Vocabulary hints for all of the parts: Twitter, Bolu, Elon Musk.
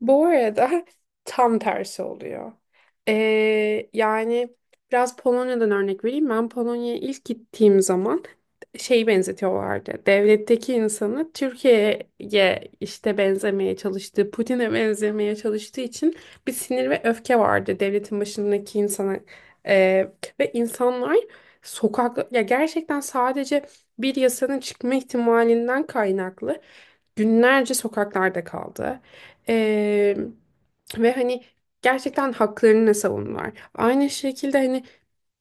Bu arada tam tersi oluyor. Yani biraz Polonya'dan örnek vereyim. Ben Polonya'ya ilk gittiğim zaman şeyi benzetiyorlardı. Devletteki insanı Türkiye'ye işte benzemeye çalıştığı, Putin'e benzemeye çalıştığı için bir sinir ve öfke vardı devletin başındaki insana. Ee, Ve insanlar sokak ya gerçekten sadece bir yasanın çıkma ihtimalinden kaynaklı günlerce sokaklarda kaldı. Ee, Ve hani gerçekten haklarını savunurlar. Aynı şekilde hani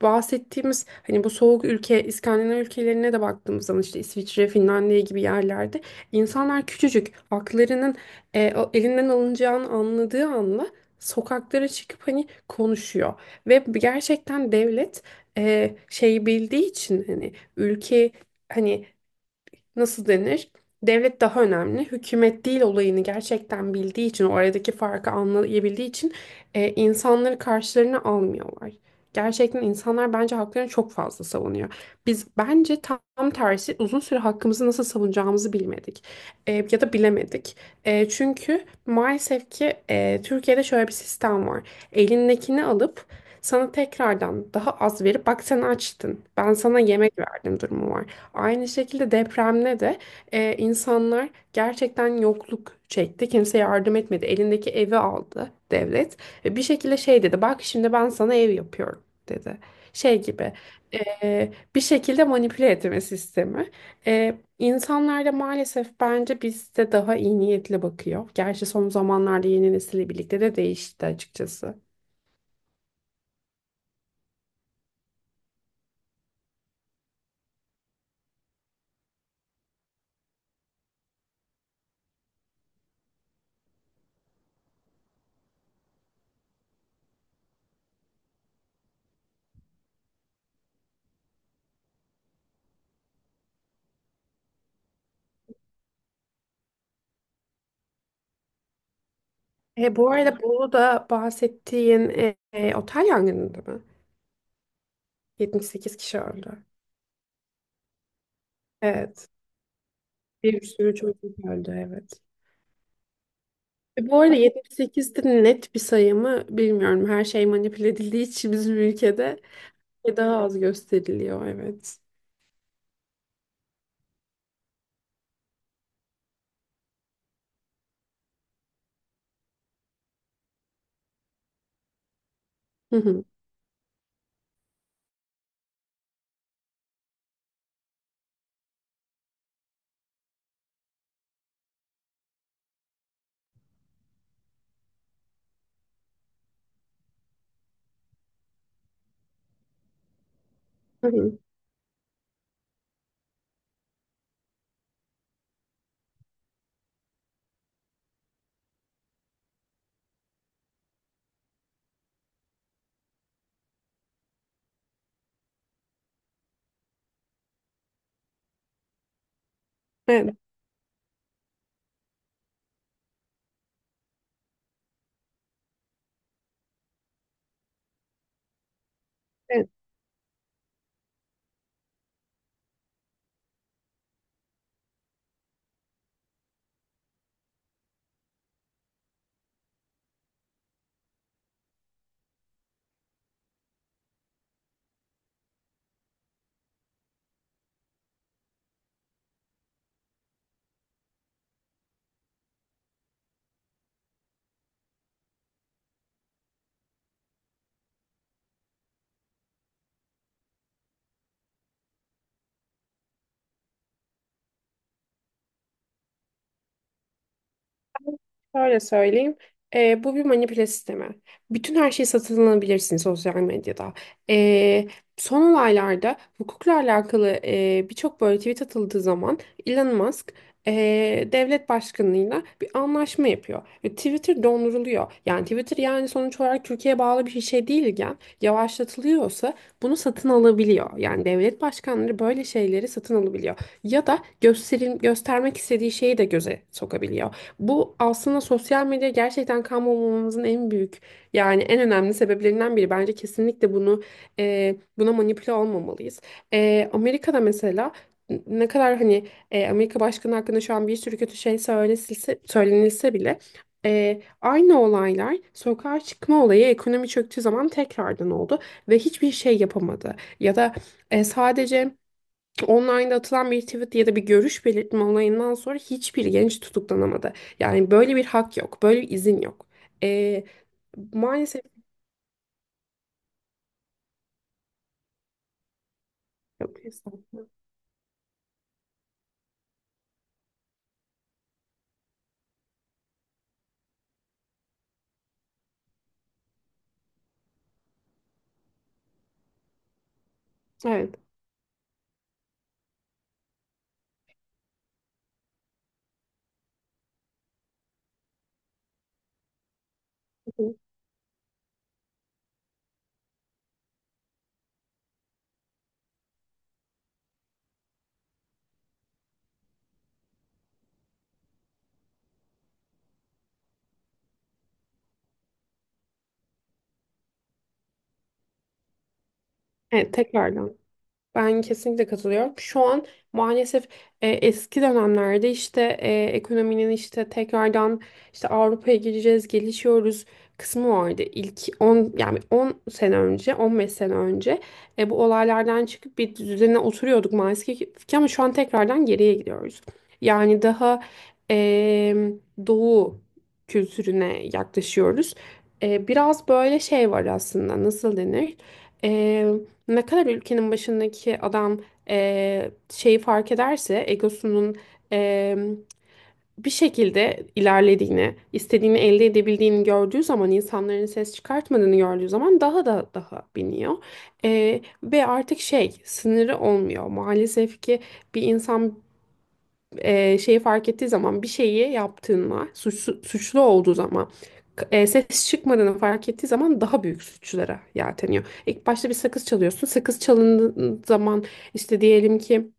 bahsettiğimiz hani bu soğuk ülke İskandinav ülkelerine de baktığımız zaman işte İsviçre, Finlandiya gibi yerlerde insanlar küçücük haklarının elinden alınacağını anladığı anda sokaklara çıkıp hani konuşuyor. Ve gerçekten devlet şey bildiği için hani ülke hani nasıl denir? Devlet daha önemli. Hükümet değil olayını gerçekten bildiği için, oradaki farkı anlayabildiği için insanları karşılarına almıyorlar. Gerçekten insanlar bence haklarını çok fazla savunuyor. Biz bence tam tersi uzun süre hakkımızı nasıl savunacağımızı bilmedik. Ya da bilemedik. Çünkü maalesef ki Türkiye'de şöyle bir sistem var. Elindekini alıp sana tekrardan daha az verip bak sen açtın. Ben sana yemek verdim durumu var. Aynı şekilde depremde de insanlar gerçekten yokluk çekti. Kimse yardım etmedi. Elindeki evi aldı devlet. Ve bir şekilde şey dedi. Bak şimdi ben sana ev yapıyorum dedi. Şey gibi bir şekilde manipüle etme sistemi. İnsanlar da maalesef bence bizde daha iyi niyetli bakıyor. Gerçi son zamanlarda yeni nesille birlikte de değişti açıkçası. Bu arada Bolu'da bahsettiğin otel yangınında mı? 78 kişi öldü. Evet. Bir sürü çocuk öldü, evet. Bu arada yetmiş sekiz de net bir sayı mı bilmiyorum. Her şey manipüle edildiği için bizim ülkede daha az gösteriliyor, evet. Hı hı. Hı hı. Evet. Evet. Şöyle söyleyeyim. Bu bir manipüle sistemi. Bütün her şey satın alabilirsin sosyal medyada. Ee, Son olaylarda hukukla alakalı birçok böyle tweet atıldığı zaman Elon Musk e, devlet başkanlığıyla bir anlaşma yapıyor. Ve Twitter donduruluyor. Yani Twitter yani sonuç olarak Türkiye'ye bağlı bir şey değilken yavaşlatılıyorsa bunu satın alabiliyor. Yani devlet başkanları böyle şeyleri satın alabiliyor. Ya da gösterim, göstermek istediği şeyi de göze sokabiliyor. Bu aslında sosyal medya gerçekten kalmamamızın en büyük yani en önemli sebeplerinden biri. Bence kesinlikle bunu buna manipüle olmamalıyız. Amerika'da mesela ne kadar hani Amerika Başkanı hakkında şu an bir sürü kötü şey söylenilse bile aynı olaylar sokağa çıkma olayı ekonomi çöktüğü zaman tekrardan oldu ve hiçbir şey yapamadı. Ya da sadece Online'da atılan bir tweet ya da bir görüş belirtme olayından sonra hiçbir genç tutuklanamadı. Yani böyle bir hak yok, böyle bir izin yok. Ee, Maalesef yok. Kesinlikle. Evet. Evet, tekrardan. Ben kesinlikle katılıyorum. Şu an maalesef eski dönemlerde işte ekonominin işte tekrardan işte Avrupa'ya gireceğiz, gelişiyoruz kısmı vardı. İlk 10 yani 10 sene önce, 15 sene önce bu olaylardan çıkıp bir düzene oturuyorduk maalesef ki ama şu an tekrardan geriye gidiyoruz. Yani daha e, doğu kültürüne yaklaşıyoruz. Biraz böyle şey var aslında, nasıl denir? Ne kadar ülkenin başındaki adam şeyi fark ederse egosunun eee, bir şekilde ilerlediğini, istediğini elde edebildiğini gördüğü zaman, insanların ses çıkartmadığını gördüğü zaman daha da daha biniyor. Ve artık şey sınırı olmuyor. Maalesef ki bir insan şeyi fark ettiği zaman bir şeyi yaptığında suçlu, suçlu olduğu zaman ses çıkmadığını fark ettiği zaman daha büyük suçlara yelteniyor. İlk başta bir sakız çalıyorsun. Sakız çalındığı zaman işte diyelim ki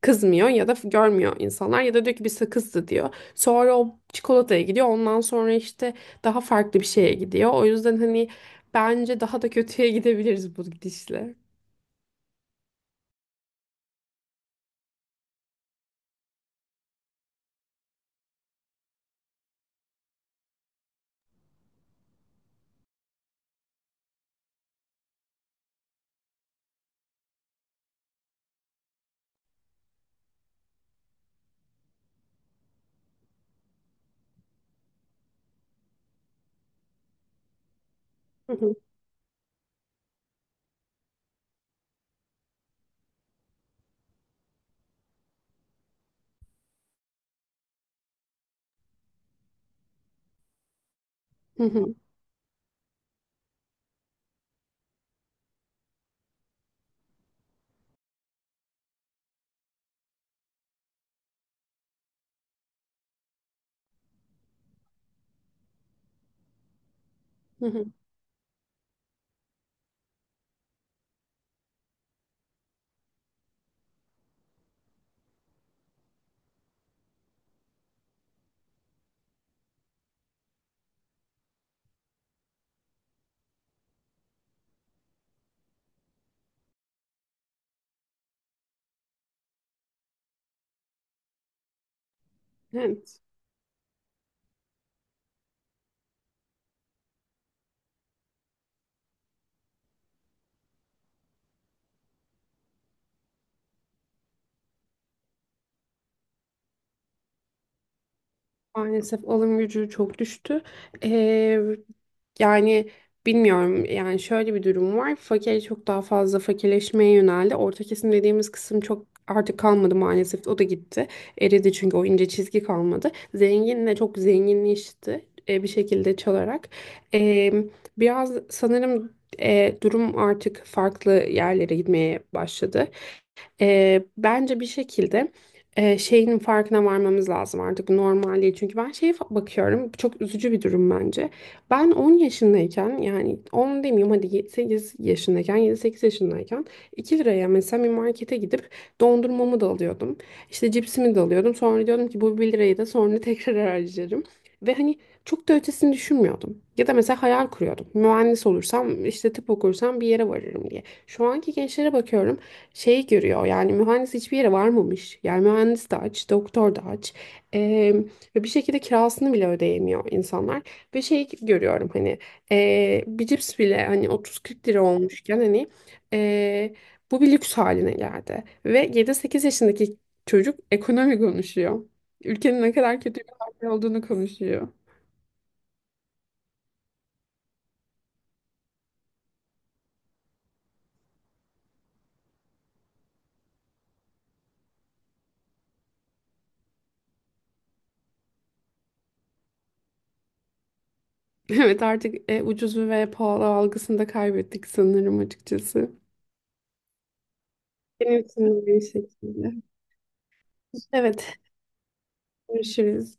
kızmıyor ya da görmüyor insanlar ya da diyor ki bir sakızdı diyor. Sonra o çikolataya gidiyor. Ondan sonra işte daha farklı bir şeye gidiyor. O yüzden hani bence daha da kötüye gidebiliriz bu gidişle. Hı hı. Hı hı. Hı hı. Evet. Maalesef alım gücü çok düştü. Ee, Yani bilmiyorum, yani şöyle bir durum var. Fakir çok daha fazla fakirleşmeye yöneldi. Orta kesim dediğimiz kısım çok artık kalmadı maalesef. O da gitti. Eridi çünkü o ince çizgi kalmadı. Zenginle çok zenginleşti bir şekilde çalarak. Ee, Biraz sanırım durum artık farklı yerlere gitmeye başladı. Bence bir şekilde şeyin farkına varmamız lazım artık, normalliği. Çünkü ben bakıyorum, bu çok üzücü bir durum bence. Ben 10 yaşındayken, yani 10 demeyeyim hadi 8 yaşındayken, 7-8 yaşındayken 2 liraya mesela bir markete gidip dondurmamı da alıyordum. İşte cipsimi de alıyordum. Sonra diyordum ki bu 1 lirayı da sonra tekrar harcarım. Ve hani çok da ötesini düşünmüyordum. Ya da mesela hayal kuruyordum. Mühendis olursam, işte tıp okursam bir yere varırım diye. Şu anki gençlere bakıyorum, şey görüyor, yani mühendis hiçbir yere varmamış. Yani mühendis de aç, doktor da aç. Eee, Ve bir şekilde kirasını bile ödeyemiyor insanlar. Ve şey görüyorum hani bir cips bile hani 30-40 lira olmuşken hani eee, bu bir lüks haline geldi. Ve 7-8 yaşındaki çocuk ekonomi konuşuyor. Ülkenin ne kadar kötü bir halde olduğunu konuşuyor. Evet, artık ucuzu ve pahalı algısını da kaybettik sanırım açıkçası. Benim için de aynı şekilde. Evet, görüşürüz.